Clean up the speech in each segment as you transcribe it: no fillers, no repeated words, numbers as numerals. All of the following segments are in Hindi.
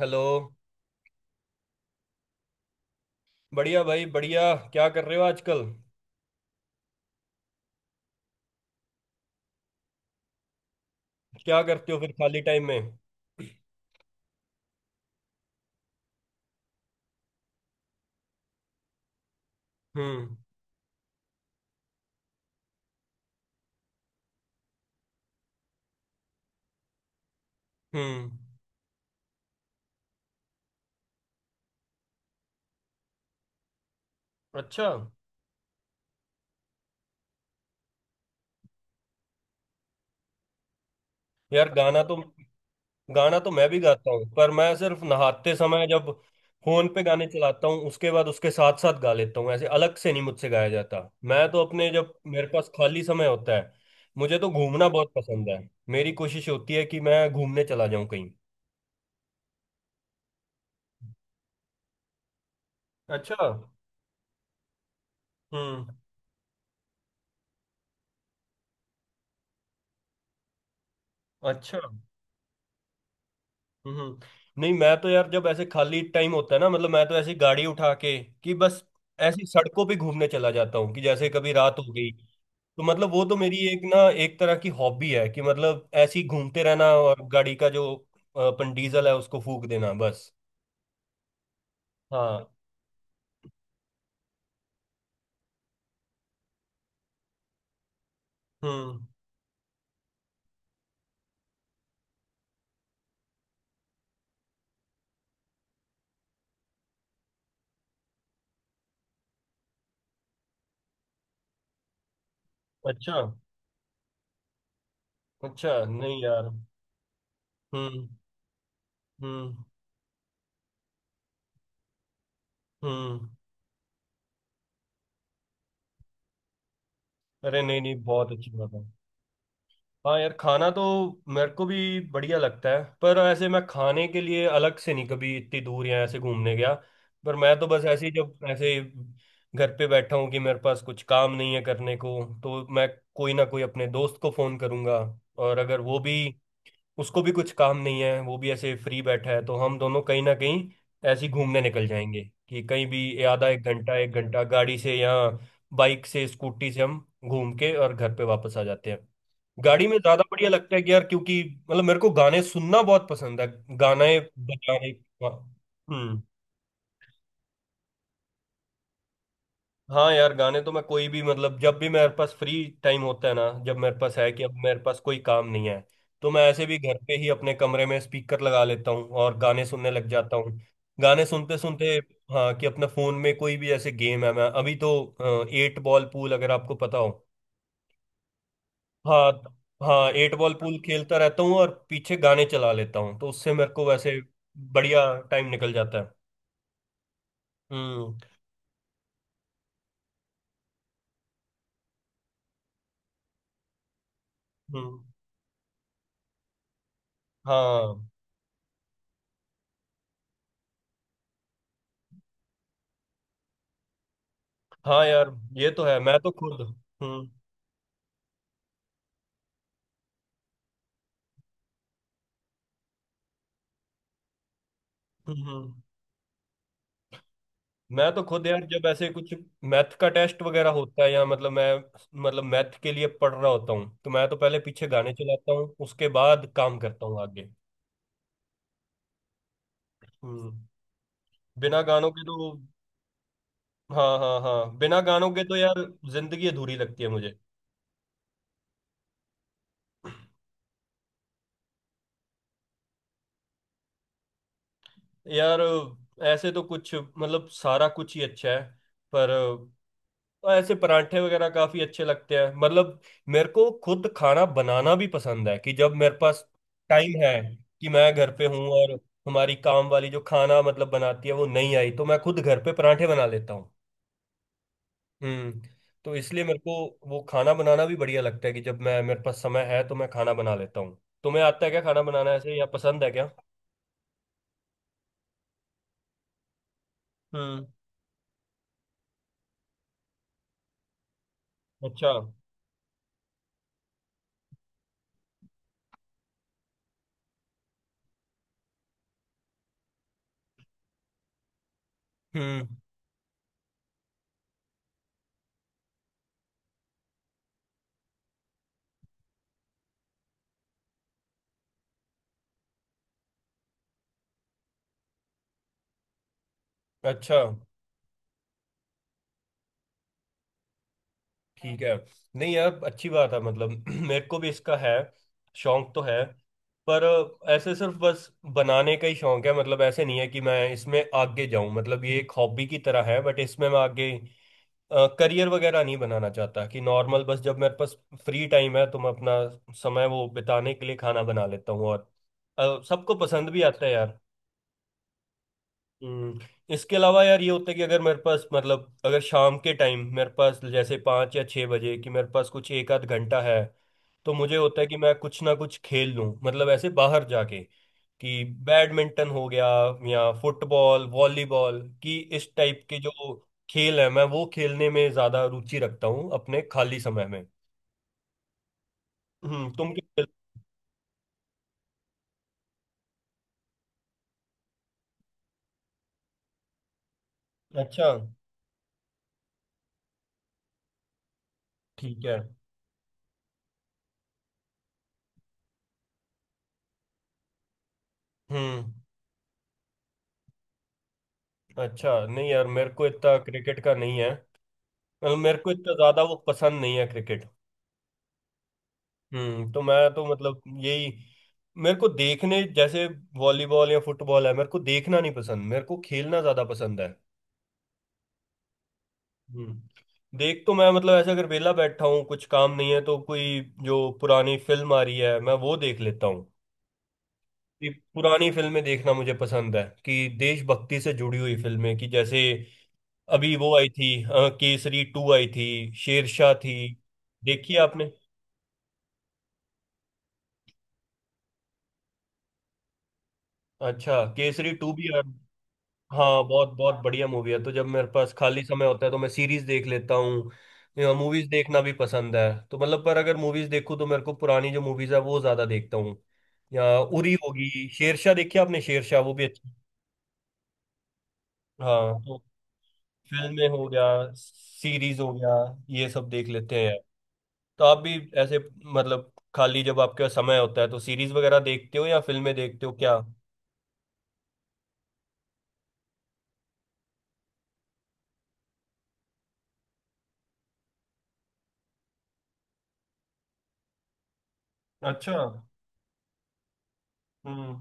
हेलो। बढ़िया भाई बढ़िया। क्या कर रहे हो आजकल? क्या करते हो फिर खाली टाइम में? हम्म। हम्म। अच्छा। यार गाना तो। गाना तो मैं भी गाता हूँ पर मैं सिर्फ नहाते समय जब फोन पे गाने चलाता हूँ, उसके बाद उसके साथ साथ गा लेता हूँ। ऐसे अलग से नहीं मुझसे गाया जाता। मैं तो अपने जब मेरे पास खाली समय होता है, मुझे तो घूमना बहुत पसंद है। मेरी कोशिश होती है कि मैं घूमने चला जाऊँ कहीं। अच्छा। हम्म। अच्छा। हम्म। नहीं मैं तो यार जब ऐसे खाली टाइम होता है ना, मतलब मैं तो ऐसी गाड़ी उठा के कि बस ऐसी सड़कों पे घूमने चला जाता हूँ कि जैसे कभी रात हो गई, तो मतलब वो तो मेरी एक ना एक तरह की हॉबी है कि मतलब ऐसी घूमते रहना और गाड़ी का जो अपन डीजल है उसको फूक देना बस। हाँ। हम्म। अच्छा। अच्छा। नहीं यार। हम्म। हम्म। हम्म। अरे नहीं नहीं बहुत अच्छी बात है। हाँ यार खाना तो मेरे को भी बढ़िया लगता है पर ऐसे मैं खाने के लिए अलग से नहीं कभी इतनी दूर या ऐसे घूमने गया। पर मैं तो बस ऐसे ही जब ऐसे घर पे बैठा हूँ कि मेरे पास कुछ काम नहीं है करने को, तो मैं कोई ना कोई अपने दोस्त को फोन करूंगा। और अगर वो भी उसको भी कुछ काम नहीं है वो भी ऐसे फ्री बैठा है तो हम दोनों कहीं ना कहीं ऐसे ही घूमने निकल जाएंगे कि कहीं भी ये आधा एक घंटा गाड़ी से या बाइक से स्कूटी से हम घूम के और घर पे वापस आ जाते हैं। गाड़ी में ज्यादा बढ़िया लगता है कि यार क्योंकि मतलब मेरे को गाने सुनना बहुत पसंद है, गाने बजाने। हाँ। हम्म। हाँ यार गाने तो मैं कोई भी मतलब जब भी मेरे पास फ्री टाइम होता है ना, जब मेरे पास है कि अब मेरे पास कोई काम नहीं है, तो मैं ऐसे भी घर पे ही अपने कमरे में स्पीकर लगा लेता हूँ और गाने सुनने लग जाता हूँ। गाने सुनते सुनते हाँ कि अपना फोन में कोई भी ऐसे गेम है, मैं अभी तो एट बॉल पूल अगर आपको पता हो। हाँ हाँ एट बॉल पूल खेलता रहता हूँ और पीछे गाने चला लेता हूँ तो उससे मेरे को वैसे बढ़िया टाइम निकल जाता है। हम्म। हम्म। हाँ। हाँ। यार ये तो है मैं तो खुद। हम्म। हम्म। मैं तो खुद यार जब ऐसे कुछ मैथ का टेस्ट वगैरह होता है, या मतलब मैं मतलब मैथ के लिए पढ़ रहा होता हूँ, तो मैं तो पहले पीछे गाने चलाता हूँ, उसके बाद काम करता हूँ आगे। हम्म। बिना गानों के तो। हाँ। हाँ। हाँ बिना गानों के तो यार जिंदगी अधूरी लगती है मुझे। यार ऐसे तो कुछ मतलब सारा कुछ ही अच्छा है। पर तो ऐसे परांठे वगैरह काफी अच्छे लगते हैं मतलब। मेरे को खुद खाना बनाना भी पसंद है कि जब मेरे पास टाइम है कि मैं घर पे हूँ और हमारी काम वाली जो खाना मतलब बनाती है वो नहीं आई, तो मैं खुद घर पे परांठे बना लेता हूँ। हम्म। तो इसलिए मेरे को वो खाना बनाना भी बढ़िया लगता है कि जब मैं मेरे पास समय है तो मैं खाना बना लेता हूँ। तुम्हें आता है क्या खाना बनाना ऐसे, या पसंद है क्या? हम्म। अच्छा। हम्म। अच्छा। ठीक है। नहीं यार अच्छी बात है मतलब मेरे को भी इसका है, शौक तो है। पर ऐसे सिर्फ बस बनाने का ही शौक है, मतलब ऐसे नहीं है कि मैं इसमें आगे जाऊं, मतलब ये एक हॉबी की तरह है बट इसमें मैं आगे करियर वगैरह नहीं बनाना चाहता। कि नॉर्मल बस जब मेरे पास फ्री टाइम है तो मैं अपना समय वो बिताने के लिए खाना बना लेता हूँ और सबको पसंद भी आता है यार। हम्म। इसके अलावा यार ये होता है कि अगर मेरे पास, मतलब अगर शाम के टाइम मेरे पास जैसे 5 या 6 बजे कि मेरे पास कुछ एक आध घंटा है, तो मुझे होता है कि मैं कुछ ना कुछ खेल लूँ मतलब ऐसे बाहर जाके कि बैडमिंटन हो गया या फुटबॉल वॉलीबॉल कि इस टाइप के जो खेल है मैं वो खेलने में ज़्यादा रुचि रखता हूँ अपने खाली समय में। तुम क्या खेल? अच्छा। ठीक है। हम्म। अच्छा नहीं यार मेरे को इतना क्रिकेट का नहीं है। मेरे को इतना ज्यादा वो पसंद नहीं है क्रिकेट। तो मैं तो मतलब यही मेरे को देखने जैसे वॉलीबॉल या फुटबॉल है मेरे को देखना नहीं पसंद, मेरे को खेलना ज्यादा पसंद है। देख तो मैं मतलब ऐसे अगर वेला बैठा हूँ कुछ काम नहीं है तो कोई जो पुरानी फिल्म आ रही है मैं वो देख लेता हूँ। ये पुरानी फिल्में देखना मुझे पसंद है कि देशभक्ति से जुड़ी हुई फिल्में कि जैसे अभी वो आई थी केसरी टू आई थी, शेरशाह थी। देखी आपने? अच्छा केसरी टू भी हाँ बहुत बहुत बढ़िया मूवी है। तो जब मेरे पास खाली समय होता है तो मैं सीरीज देख लेता हूँ, मूवीज देखना भी पसंद है। तो मतलब पर अगर मूवीज देखूँ तो मेरे को पुरानी जो मूवीज है वो ज्यादा देखता हूँ, या उरी होगी, शेरशाह देखी आपने? शेरशाह वो भी अच्छी। हाँ तो फिल्में हो गया, सीरीज हो गया, ये सब देख लेते हैं। तो आप भी ऐसे मतलब खाली जब आपके पास समय होता है तो सीरीज वगैरह देखते हो या फिल्में देखते हो क्या? अच्छा। हम्म।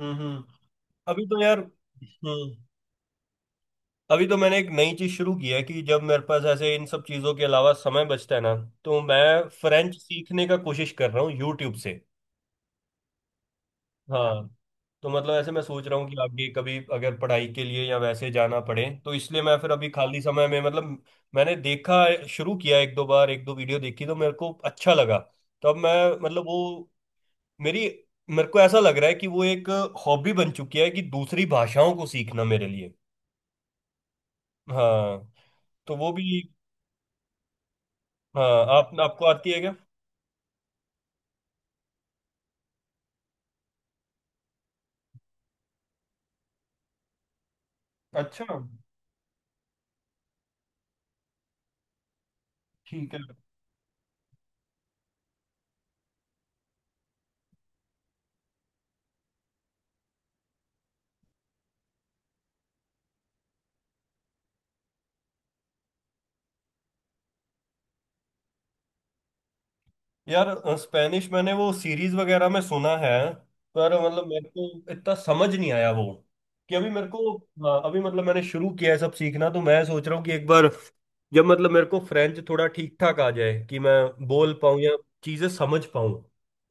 हम्म। हम्म। अभी तो यार हम्म अभी तो मैंने एक नई चीज शुरू की है कि जब मेरे पास ऐसे इन सब चीजों के अलावा समय बचता है ना, तो मैं फ्रेंच सीखने का कोशिश कर रहा हूँ यूट्यूब से। हाँ तो मतलब ऐसे मैं सोच रहा हूँ कि आगे कभी अगर पढ़ाई के लिए या वैसे जाना पड़े, तो इसलिए मैं फिर अभी खाली समय में मतलब मैंने देखा शुरू किया, एक दो बार एक दो वीडियो देखी तो मेरे को अच्छा लगा। तो अब मैं मतलब वो मेरी मेरे को ऐसा लग रहा है कि वो एक हॉबी बन चुकी है कि दूसरी भाषाओं को सीखना मेरे लिए। हाँ तो वो भी। हाँ आप आपको आती है क्या? अच्छा। ठीक है यार स्पेनिश मैंने वो सीरीज वगैरह में सुना है, पर मतलब मेरे को इतना समझ नहीं आया वो कि अभी मेरे को हाँ, अभी मतलब मैंने शुरू किया है सब सीखना। तो मैं सोच रहा हूँ कि एक बार जब मतलब मेरे को फ्रेंच थोड़ा ठीक ठाक आ जाए कि मैं बोल पाऊँ या चीजें समझ पाऊँ,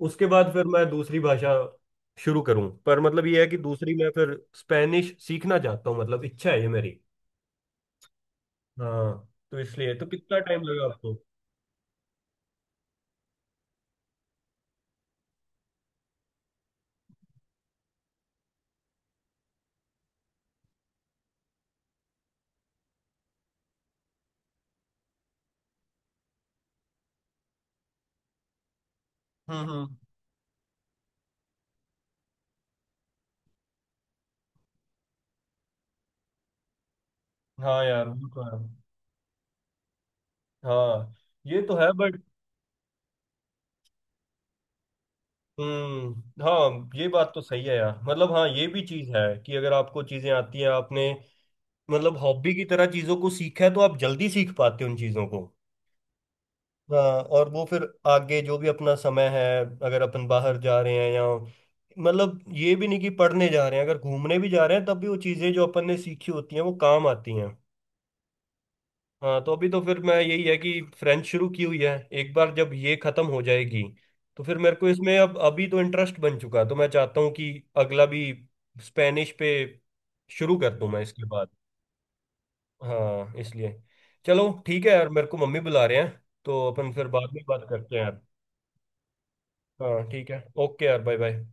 उसके बाद फिर मैं दूसरी भाषा शुरू करूँ। पर मतलब ये है कि दूसरी मैं फिर स्पेनिश सीखना चाहता हूँ, मतलब इच्छा है ये मेरी। हाँ तो इसलिए तो कितना टाइम लगा आपको? हम्म। हम्म। हाँ यार वो तो है। हाँ ये तो है बट। हम्म। हाँ ये बात तो सही है यार, मतलब हाँ ये भी चीज है कि अगर आपको चीजें आती हैं आपने मतलब हॉबी की तरह चीजों को सीखा है, तो आप जल्दी सीख पाते हो उन चीजों को। हाँ और वो फिर आगे जो भी अपना समय है अगर अपन बाहर जा रहे हैं, या मतलब ये भी नहीं कि पढ़ने जा रहे हैं, अगर घूमने भी जा रहे हैं तब भी वो चीजें जो अपन ने सीखी होती हैं वो काम आती हैं। हाँ तो अभी तो फिर मैं यही है कि फ्रेंच शुरू की हुई है। एक बार जब ये खत्म हो जाएगी, तो फिर मेरे को इसमें अब अभी तो इंटरेस्ट बन चुका है तो मैं चाहता हूँ कि अगला भी स्पेनिश पे शुरू कर दूं मैं इसके बाद। हाँ इसलिए। चलो ठीक है यार मेरे को मम्मी बुला रहे हैं तो अपन फिर बाद में बात करते हैं यार। हाँ ठीक है, ओके यार, बाय बाय।